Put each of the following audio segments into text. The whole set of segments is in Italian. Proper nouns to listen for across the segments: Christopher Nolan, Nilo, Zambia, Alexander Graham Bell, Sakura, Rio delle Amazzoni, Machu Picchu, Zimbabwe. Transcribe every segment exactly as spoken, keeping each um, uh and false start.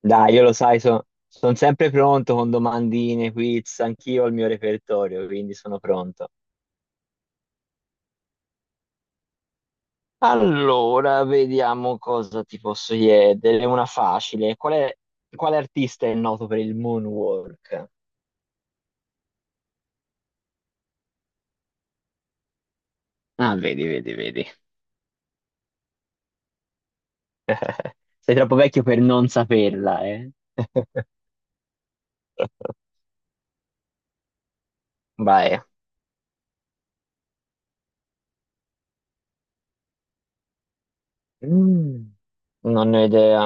Dai, io lo sai, sono sempre pronto con domandine, quiz, anch'io ho il mio repertorio, quindi sono pronto. Allora, vediamo cosa ti posso chiedere. Una facile. Qual è, quale artista è noto per il moonwalk? Ah, vedi, vedi, vedi. Sei troppo vecchio per non saperla, eh? Vai. Mm, non ne ho idea.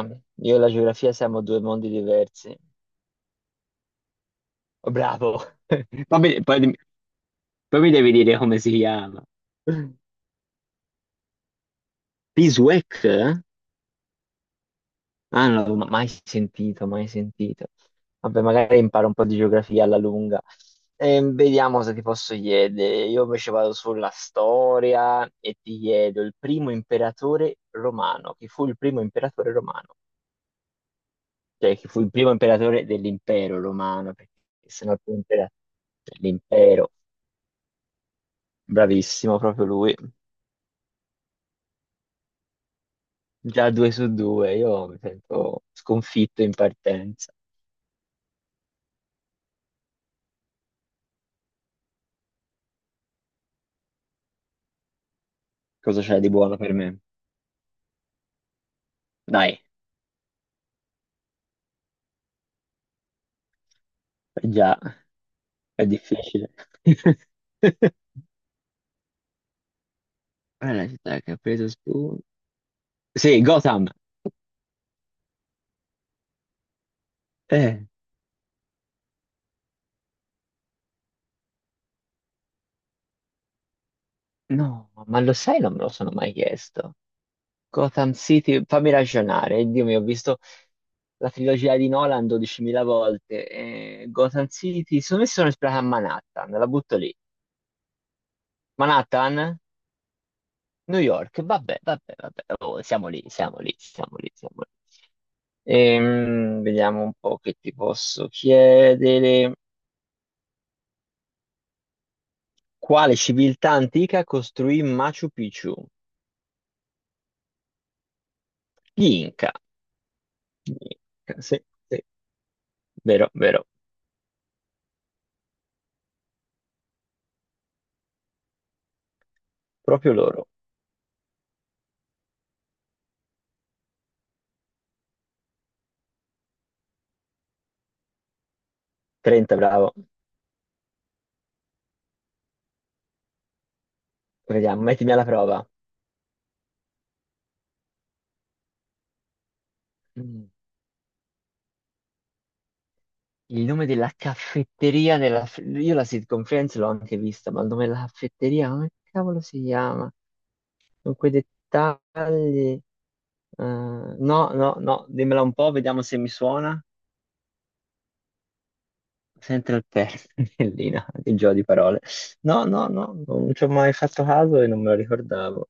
Io e la geografia siamo due mondi diversi. Oh, bravo. Poi, mi poi mi- poi mi devi dire come si chiama. Beeswax? Ah, non l'avevo mai sentito, mai sentito. Vabbè, magari imparo un po' di geografia alla lunga. Ehm, vediamo se ti posso chiedere. Io invece vado sulla storia e ti chiedo il primo imperatore romano. Chi fu il primo imperatore romano? Cioè, chi fu il primo imperatore dell'impero romano? Perché se no il primo imperatore dell'impero. Bravissimo, proprio lui. Già due su due, io mi sento sconfitto in partenza. Cosa c'è di buono per me? Dai. Eh Già, è difficile. Qual è la città che ha preso spunto? Sì, Gotham. Eh, no, ma lo sai, non me lo sono mai chiesto. Gotham City, fammi ragionare. Dio mio, ho visto la trilogia di Nolan dodicimila volte. eh, Gotham City, secondo me si sono ispirata a Manhattan, la butto lì. Manhattan, New York, vabbè, vabbè, vabbè. Oh, siamo lì, siamo lì, siamo lì, siamo lì. Ehm, vediamo un po' che ti posso chiedere. Quale civiltà antica costruì Machu Picchu? Gli Inca. Gli Inca, sì, sì, vero, vero, proprio loro. trenta, bravo. Vediamo, mettimi alla prova. Mm. Il nome della caffetteria nella. Io la sitcom Friends l'ho anche vista, ma il nome della caffetteria, come cavolo si chiama? Con quei dettagli. eh, no, no, no, dimmela un po', vediamo se mi suona. Sempre il pennellina, il gioco di parole. No, no, no, non ci ho mai fatto caso e non me lo ricordavo.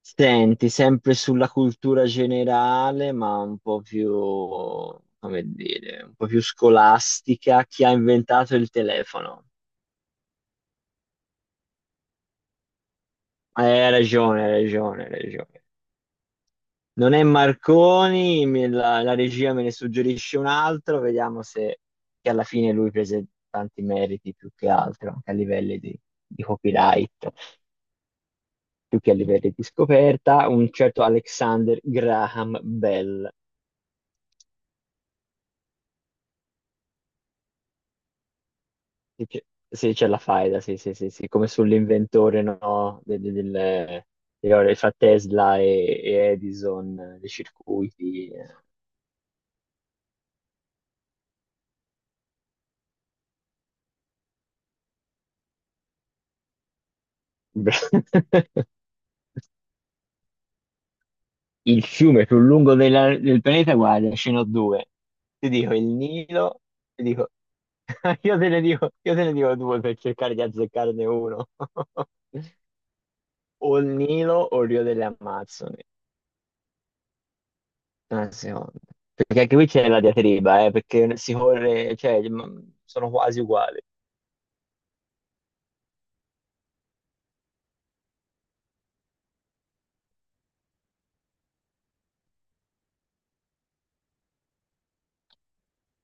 Senti, sempre sulla cultura generale, ma un po' più, come dire, un po' più scolastica, chi ha inventato il telefono? Eh, Hai ragione, hai ragione, hai ragione. Non è Marconi, me la, la regia me ne suggerisce un altro, vediamo se che alla fine lui prese tanti meriti più che altro, anche a livelli di, di copyright, più che a livelli di scoperta, un certo Alexander Graham Bell. Sì, c'è sì, c'è la faida, sì, sì, sì, sì, come sull'inventore, no? Del, del, del- del- fra Tesla e, e Edison, eh, dei circuiti. Eh. Il fiume più lungo della- del planeta, guarda, ce n'ho due. Ti dico il Nilo, ti dico. Io te ne dico, io te ne dico due per cercare di azzeccarne uno. O il Nilo o il Rio delle Amazzoni. una seconda. Perché anche qui c'è la diatriba, eh, perché si corre, cioè, mh, sono quasi uguali.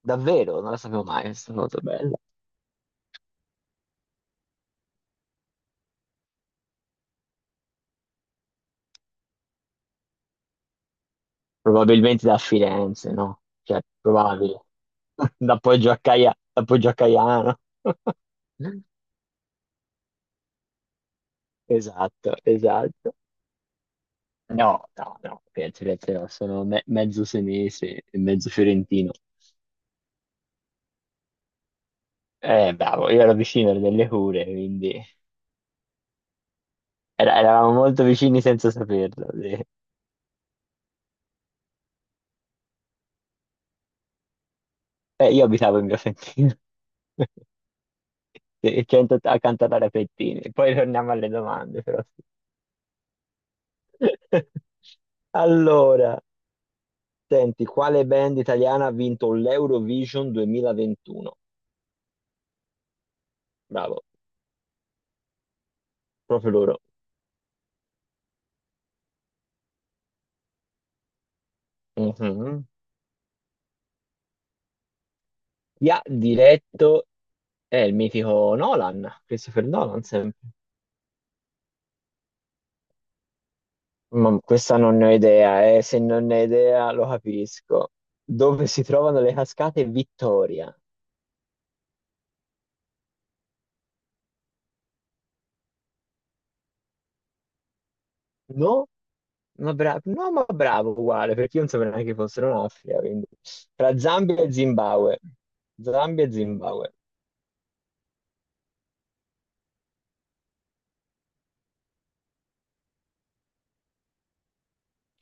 Davvero, non la sapevo mai, questa nota bella. Probabilmente da Firenze, no? Cioè, probabile. Da Poggio a Caia- da Poggio a Caiano. Esatto, esatto. No, no, no, Firenze, Firenze no, sono me- mezzo senese e mezzo fiorentino. Eh, bravo, io ero vicino ero delle Cure, quindi era- eravamo molto vicini senza saperlo. Sì. Eh, io abitavo in via Fentina. Sì, centottanta cantata a pettini. Poi torniamo alle domande, però. Allora, senti, quale band italiana ha vinto l'Eurovision duemilaventuno? Bravo, proprio loro. Mhm. Chi ha diretto è il mitico Nolan, Christopher Nolan sempre. Ma questa non ne ho idea, eh. Se non ne ho idea lo capisco. Dove si trovano le cascate Vittoria? No? Ma bravo, no, ma bravo uguale, perché io non sapevo neanche che fossero in Africa, quindi. Tra Zambia e Zimbabwe. Zambia e Zimbabwe.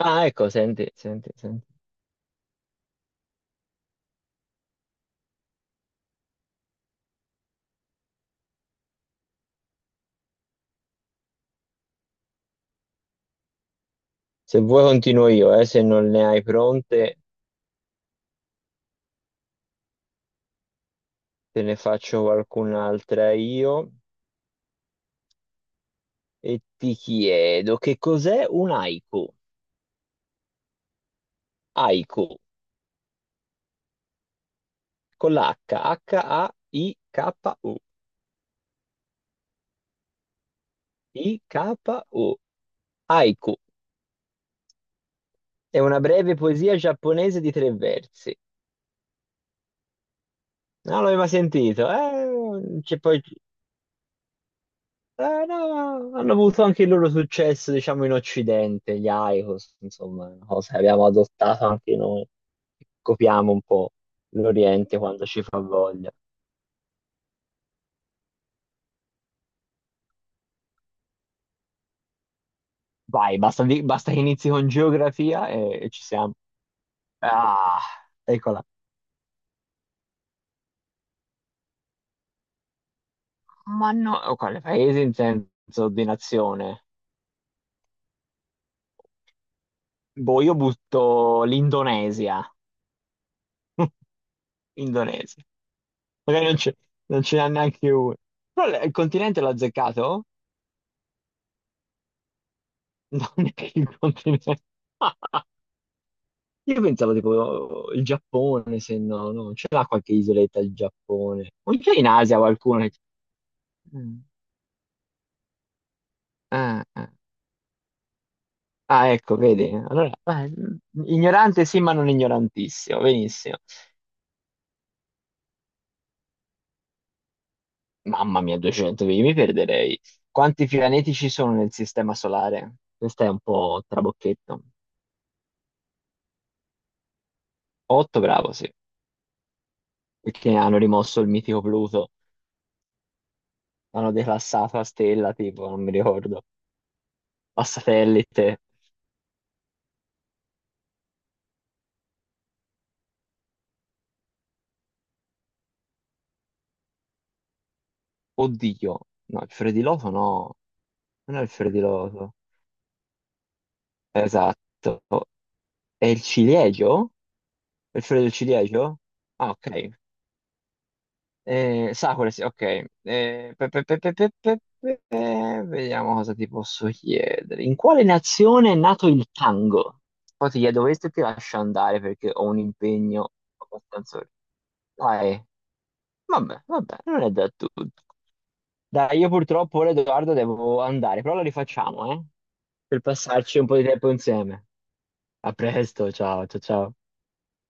Ah, ecco, senti, senti, senti. Se vuoi continuo io, eh, se non ne hai pronte, te ne faccio qualcun'altra io e ti chiedo che cos'è un haiku? Haiku, con l'H, H A I K U, I K U, haiku. È una breve poesia giapponese di tre versi. Non l'avevo mai sentito. Eh, c'è poi. eh, no, hanno avuto anche il loro successo, diciamo, in Occidente, gli Icos, insomma, una cosa che abbiamo adottato anche noi. Copiamo un po' l'Oriente quando ci fa voglia. Vai, basta, di- basta che inizi con geografia e, e ci siamo. Ah, eccola. Ma no, oh, quale paese in senso di nazione? Boh, io butto l'Indonesia. Indonesia. Magari non ce non ce n'ha neanche uno. Però le- il continente l'ha azzeccato? Non neanche il continente. Io pensavo tipo oh, il Giappone, se no, no, ce l'ha qualche isoletta il Giappone. O c'è in Asia qualcuno che. Mm. Ah, ah. Ah, ecco, vedi? Allora, eh, ignorante sì, ma non ignorantissimo, benissimo. Mamma mia, duecento, io mi perderei. Quanti pianeti ci sono nel sistema solare? Questo è un po' trabocchetto. Otto, bravo, sì, perché hanno rimosso il mitico Pluto. L'hanno declassato a stella, tipo, non mi ricordo. A satellite. Oddio. No, il Frediloto no. Non è il Frediloto. Esatto. È il ciliegio? È il fiore del ciliegio? Ah, ok. Eh, Sakura, sì, ok. Eh, pe- pe- pe- pe- pe- pe- pe- pe- vediamo cosa ti posso chiedere. In quale nazione è nato il tango? Poi ti chiedo questo e ti lascio andare perché ho un impegno abbastanza. Dai, vabbè, vabbè, non è da tutti. Dai, io purtroppo ora Edoardo devo andare, però la rifacciamo, eh? Per passarci un po' di tempo insieme. A presto, ciao, ciao, ciao.